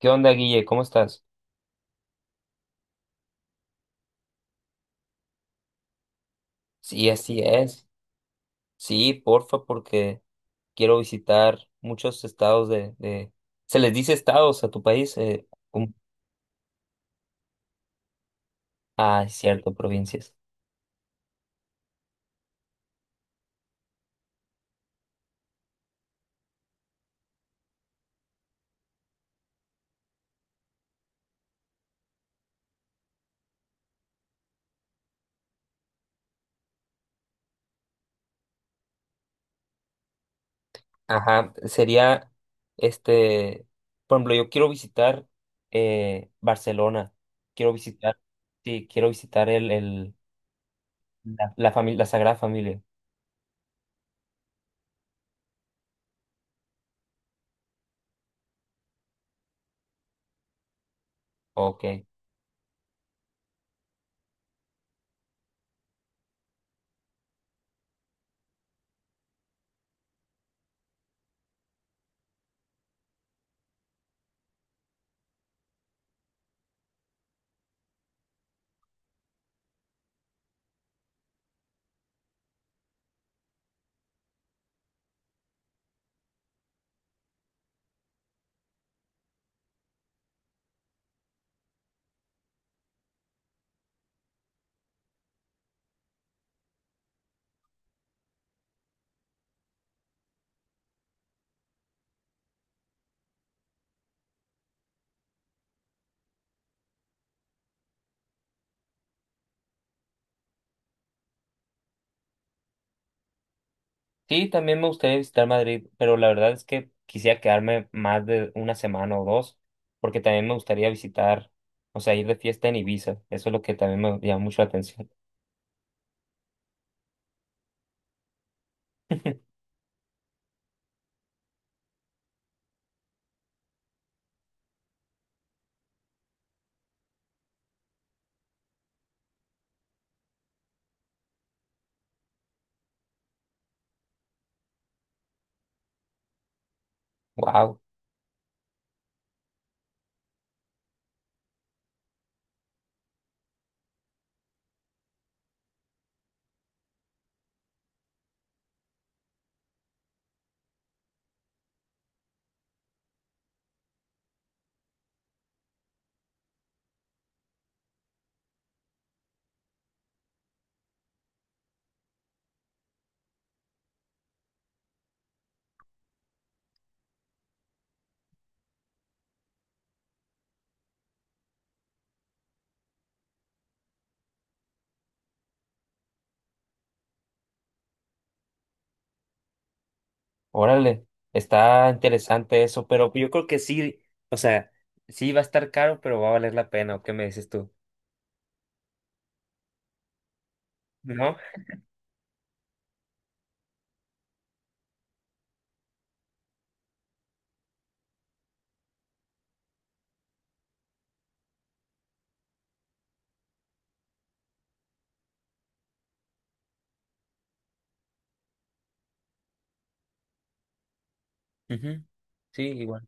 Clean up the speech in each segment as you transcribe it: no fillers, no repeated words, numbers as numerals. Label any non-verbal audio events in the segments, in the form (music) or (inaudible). ¿Qué onda, Guille? ¿Cómo estás? Sí, así es. Sí, porfa, porque quiero visitar muchos estados de... ¿Se les dice estados a tu país? Un- Ah, es cierto, provincias. Ajá, sería, este, por ejemplo, yo quiero visitar Barcelona. Quiero visitar, sí, quiero visitar la Sagrada Familia. Ok. Sí, también me gustaría visitar Madrid, pero la verdad es que quisiera quedarme más de una semana o dos, porque también me gustaría visitar, o sea, ir de fiesta en Ibiza. Eso es lo que también me llama mucho la atención. (laughs) Wow, órale, está interesante eso, pero yo creo que sí, o sea, sí va a estar caro, pero va a valer la pena, ¿o qué me dices tú? ¿No? Ujú, sí, igual.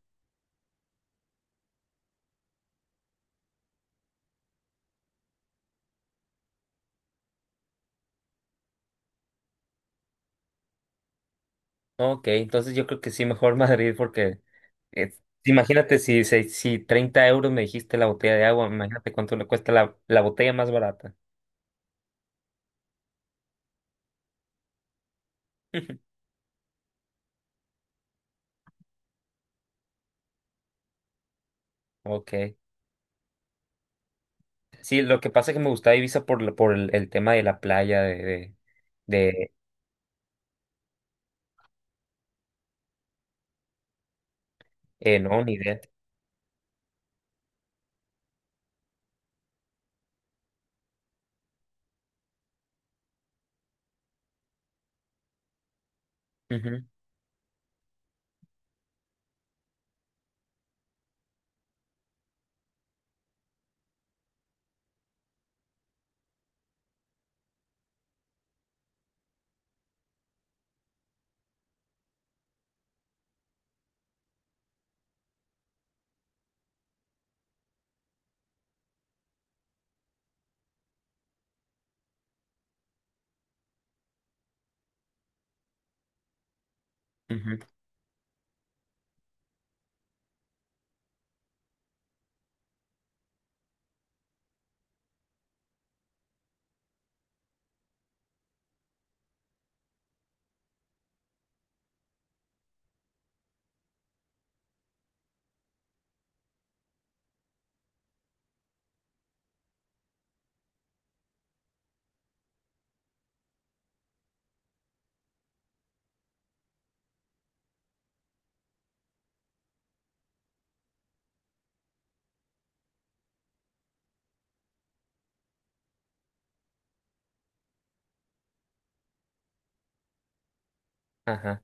Ok, entonces yo creo que sí, mejor (laughs) Madrid, porque eh, imagínate si, si 30 euros me dijiste la botella de agua, imagínate cuánto le cuesta la botella más barata. (laughs) Ok. Sí, lo que pasa es que me gustaba Ibiza por, por el tema de la playa, de no, ni idea. Ujú, ujú, ajá.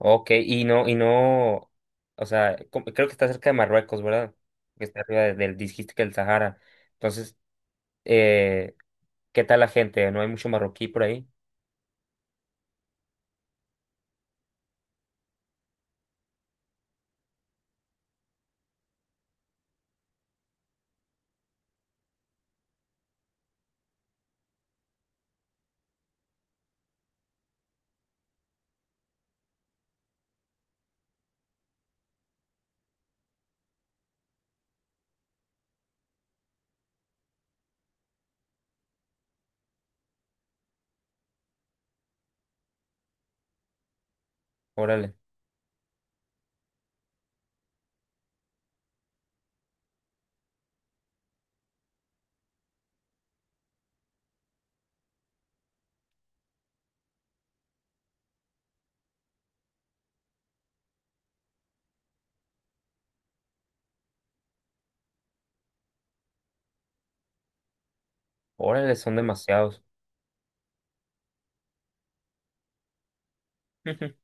Ok, y no, o sea, creo que está cerca de Marruecos, ¿verdad? Que está arriba del, dijiste que el Sahara. Entonces, eh, ¿qué tal la gente? ¿No hay mucho marroquí por ahí? Órale. Órale, son demasiados. Ujú,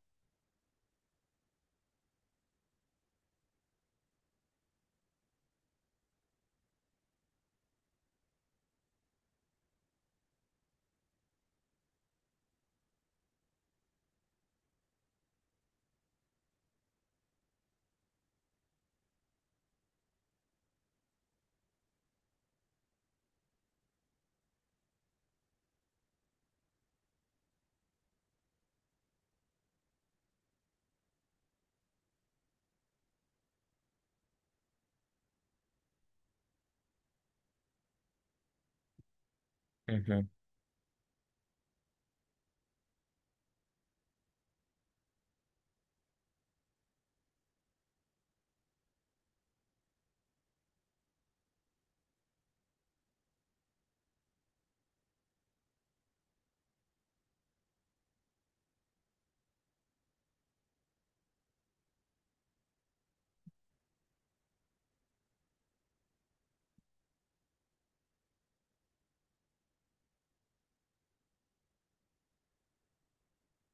ujú,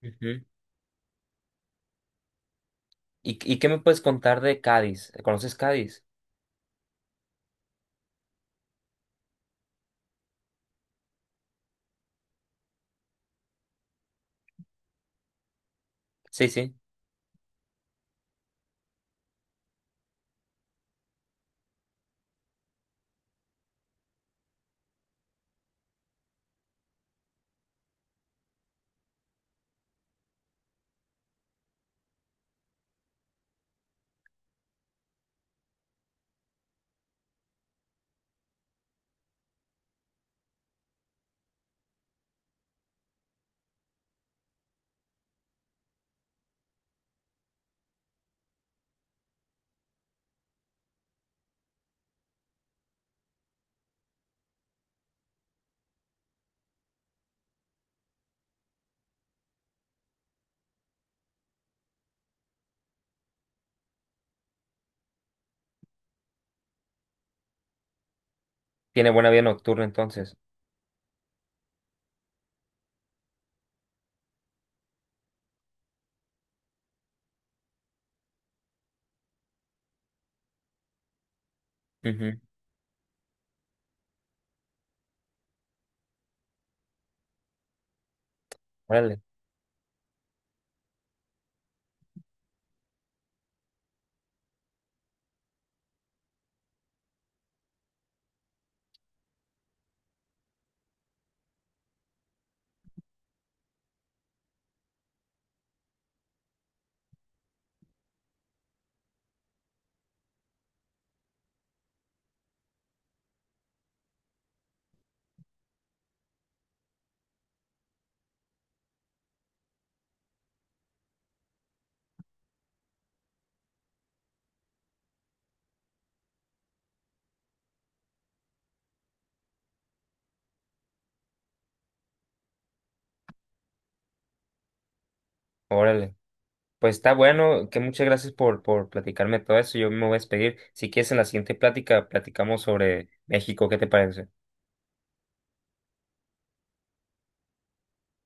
ujú. Y qué me puedes contar de Cádiz? ¿Conoces Cádiz? Sí, sí. Tiene buena vida nocturna entonces. Ujú, órale, órale. Pues está bueno, que muchas gracias por platicarme todo eso. Yo me voy a despedir. Si quieres, en la siguiente plática platicamos sobre México. ¿Qué te parece?